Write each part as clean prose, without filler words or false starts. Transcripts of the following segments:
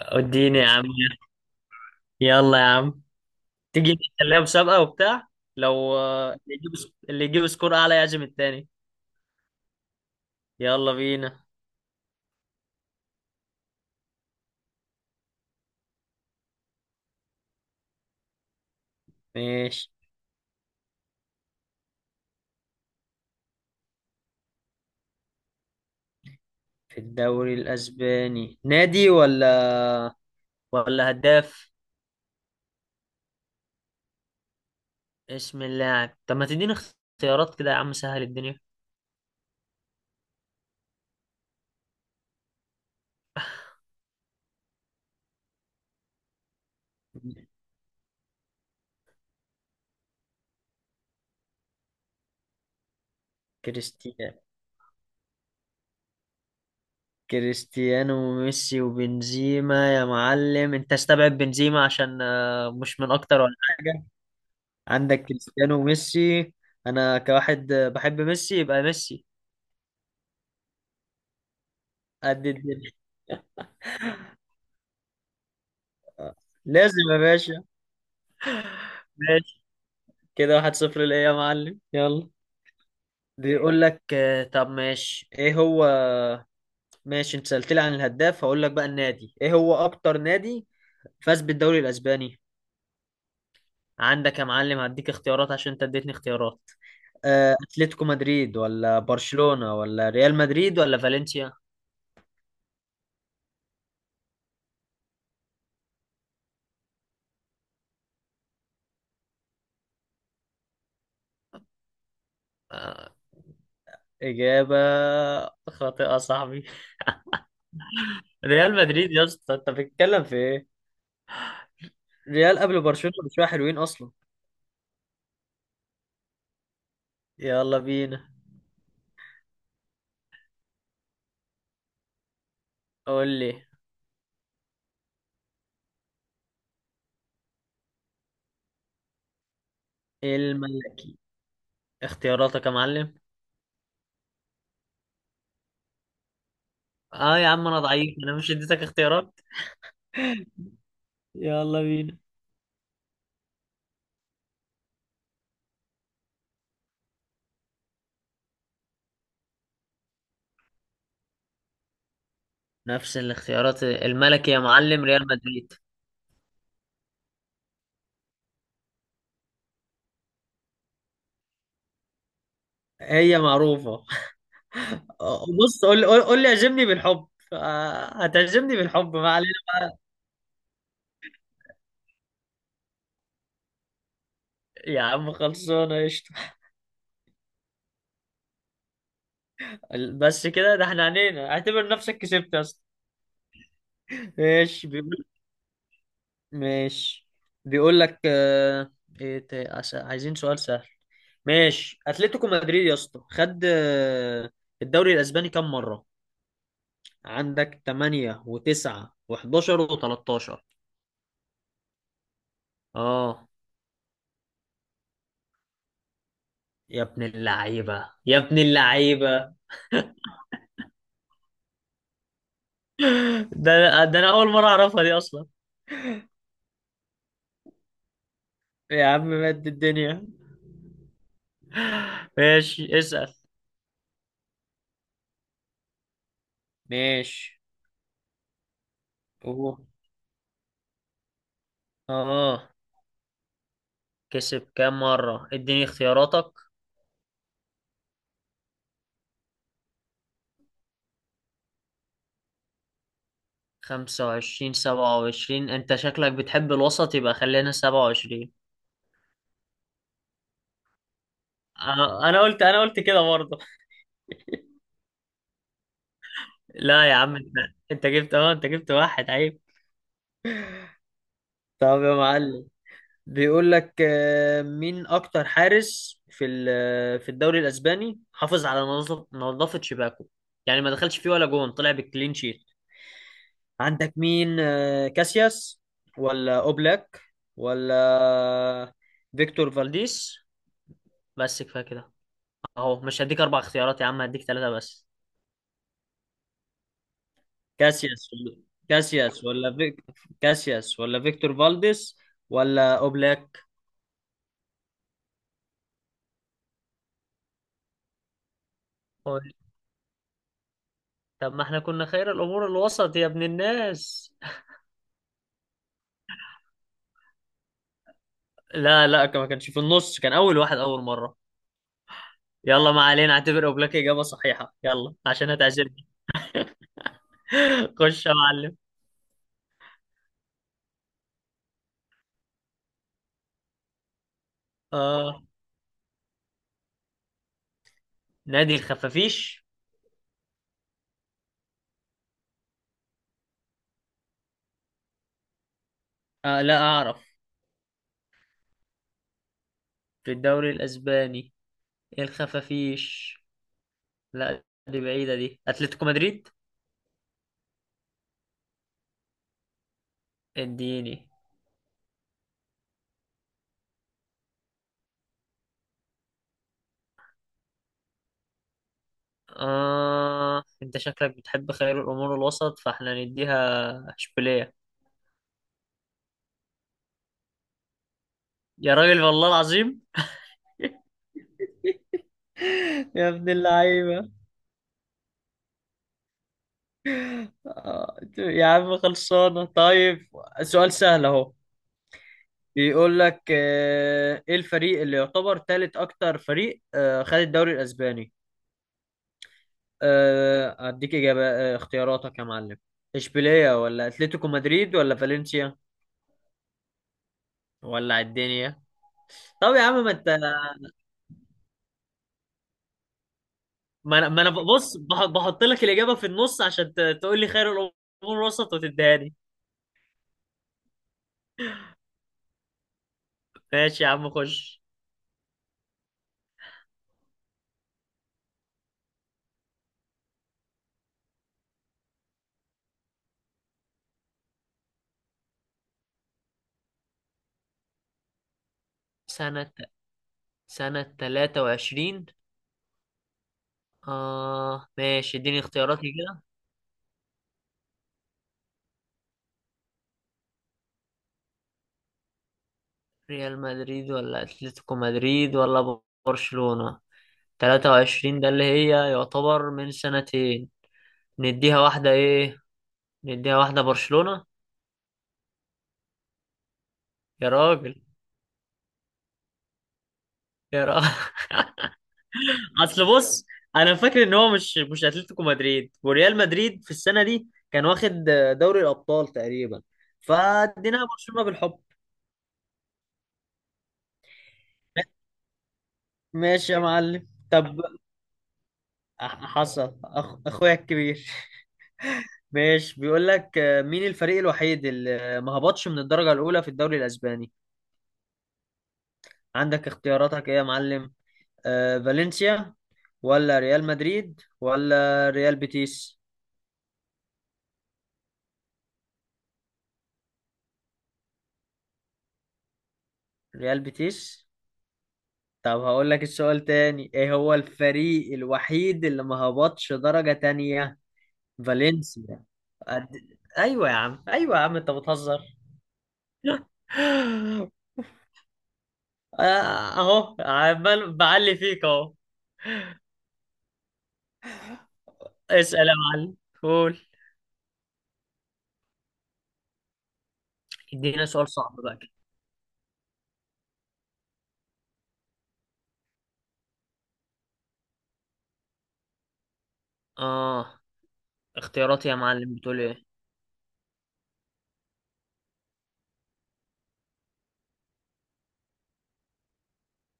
اديني يا عم. يلا يا عم، تيجي نخليها مسابقة وبتاع؟ لو اللي يجيب سكور اعلى يعزم التاني. يلا بينا. ماشي. في الدوري الاسباني، نادي ولا هداف؟ اسم اللاعب؟ طب ما تديني اختيارات كده يا عم، سهل الدنيا. كريستيانو. كريستيانو وميسي وبنزيما يا معلم. انت استبعد بنزيما عشان مش من اكتر ولا حاجة. عندك كريستيانو وميسي. انا كواحد بحب ميسي، يبقى ميسي. قد الدنيا. آه، لازم يا باشا. ماشي، كده 1-0 ليا يا معلم. يلا. بيقول لك طب ماشي، ايه هو. ماشي، انت سألت لي عن الهداف، هقول لك بقى النادي، ايه هو اكتر نادي فاز بالدوري الاسباني. عندك يا معلم، هديك اختيارات عشان انت اديتني اختيارات. اتلتيكو مدريد ولا برشلونة ولا ريال مدريد ولا فالنسيا؟ آه، اجابة خاطئة صعبة. ريال مدريد يا اسطى، انت بتتكلم في ايه؟ ريال قبل برشلونة بشوية حلوين اصلا. يلا بينا. قول لي. ايه الملكي؟ اختياراتك يا معلم. اه يا عم انا ضعيف، انا مش اديتك اختيارات؟ يلا بينا. نفس الاختيارات، الملكي يا معلم ريال مدريد. هي معروفة. بص، قول لي اعجبني بالحب. هتعجبني بالحب، ما علينا. يا عم خلصانة قشطة. بس كده، ده احنا عنينا. اعتبر نفسك كسبت يا اسطى. ايش بيقول؟ ماشي، بيقول لك ايه عايزين سؤال سهل. ماشي، اتلتيكو مدريد يا اسطى خد. الدوري الاسباني كام مره؟ عندك 8 و9 و11 و13. اه. يا ابن اللعيبه، يا ابن اللعيبه. ده انا اول مره اعرفها دي اصلا. يا عم مد الدنيا. ماشي اسال. ماشي. اوه. اه. كسب كام مره؟ اديني اختياراتك. 25، 27. أنت شكلك بتحب الوسط، يبقى خلينا 27. انا قلت كده برضه. لا يا عم، أنت جبت واحد عيب. طب يا معلم، بيقول لك مين اكتر حارس في في الدوري الاسباني حافظ على نظافة شباكه؟ يعني ما دخلش فيه ولا جون، طلع بالكلين شيت. عندك مين؟ كاسياس ولا اوبلاك ولا فيكتور فالديس. بس كفاية كده، اهو مش هديك اربع اختيارات يا عم، هديك ثلاثة بس. كاسياس ولا كاسياس ولا فيك... كاسياس ولا فيكتور فالديس ولا اوبلاك. قول. طب ما احنا كنا خير الامور الوسط يا ابن الناس. لا لا، ما كانش في النص، كان اول واحد، اول مرة. يلا ما علينا، اعتبر اوبلاك اجابة صحيحة يلا عشان هتعزمني. خش يا معلم. اه. نادي الخفافيش. آه لا اعرف. في الدوري الاسباني؟ إيه الخفافيش؟ لا دي بعيدة، دي اتلتيكو مدريد. اديني. أنت شكلك بتحب خير الأمور الوسط، فإحنا نديها إشبيلية. يا راجل والله العظيم. يا ابن اللعيبة. يا عم خلصانة طيب. سؤال سهل اهو. بيقول لك ايه الفريق اللي يعتبر ثالث اكتر فريق؟ خد الدوري الاسباني. اديك اجابة. اختياراتك يا معلم. اشبيلية ولا اتلتيكو مدريد ولا فالنسيا ولا الدنيا؟ طب يا عم، ما انت، ما انا بص بحط لك الاجابه في النص عشان تقول لي خير الامور وسط وتدهاني. ماشي يا عم خش. سنة سنة 23. آه ماشي، اديني اختياراتي كده. ريال مدريد ولا أتلتيكو مدريد ولا برشلونة؟ 23 ده اللي هي يعتبر من سنتين. نديها واحدة ايه. نديها واحدة برشلونة. يا راجل. يا راجل. اصل بص، انا فاكر ان هو مش اتلتيكو مدريد وريال مدريد في السنه دي كان واخد دوري الابطال تقريبا، فاديناها برشلونه بالحب. ماشي يا معلم طب. حصل اخويا الكبير. ماشي، بيقول لك مين الفريق الوحيد اللي ما هبطش من الدرجه الاولى في الدوري الاسباني؟ عندك اختياراتك ايه يا معلم؟ فالنسيا ولا ريال مدريد ولا ريال بيتيس؟ ريال بيتيس؟ طب هقول لك السؤال تاني، ايه هو الفريق الوحيد اللي ما هبطش درجة تانية؟ فالنسيا. أد- ايوه يا عم، ايوه يا عم انت بتهزر. آه، اهو عمال بعلي فيك اهو. اسأل يا معلم. قول. ادينا سؤال صعب بقى كده. اه. اختياراتي يا معلم بتقول ايه؟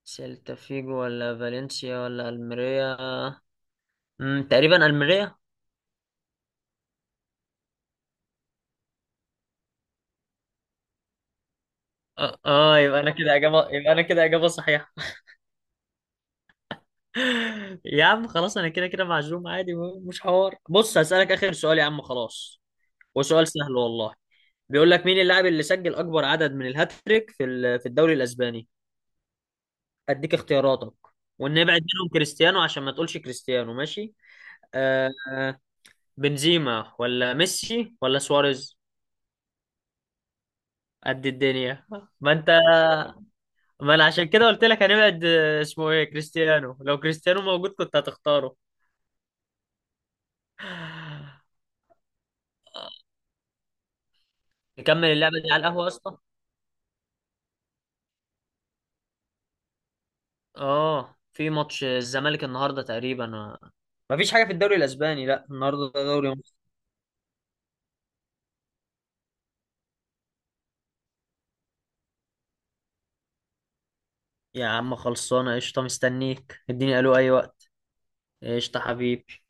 سيلتا فيجو ولا فالنسيا ولا الميريا؟ تقريبا الميريا. اه. يبقى انا كده اجابة صحيحة. يا عم خلاص، انا كده كده معزوم عادي، مش حوار. بص هسألك اخر سؤال يا عم خلاص. وسؤال سهل والله. بيقول لك مين اللاعب اللي سجل اكبر عدد من الهاتريك في في الدوري الاسباني؟ اديك اختياراتك، ونبعد منهم كريستيانو عشان ما تقولش كريستيانو، ماشي. آه آه، بنزيما ولا ميسي ولا سواريز. قد الدنيا. ما انت، ما انا عشان كده قلت لك هنبعد اسمه ايه، كريستيانو، لو كريستيانو موجود كنت هتختاره. آه، نكمل اللعبة دي على القهوة اصلا. اه في ماتش الزمالك النهارده تقريبا آه. مفيش حاجة في الدوري الأسباني، لا النهاردة ده دوري مصر. يا عم خلصانه قشطه، مستنيك، اديني الو اي وقت. قشطه حبيبي.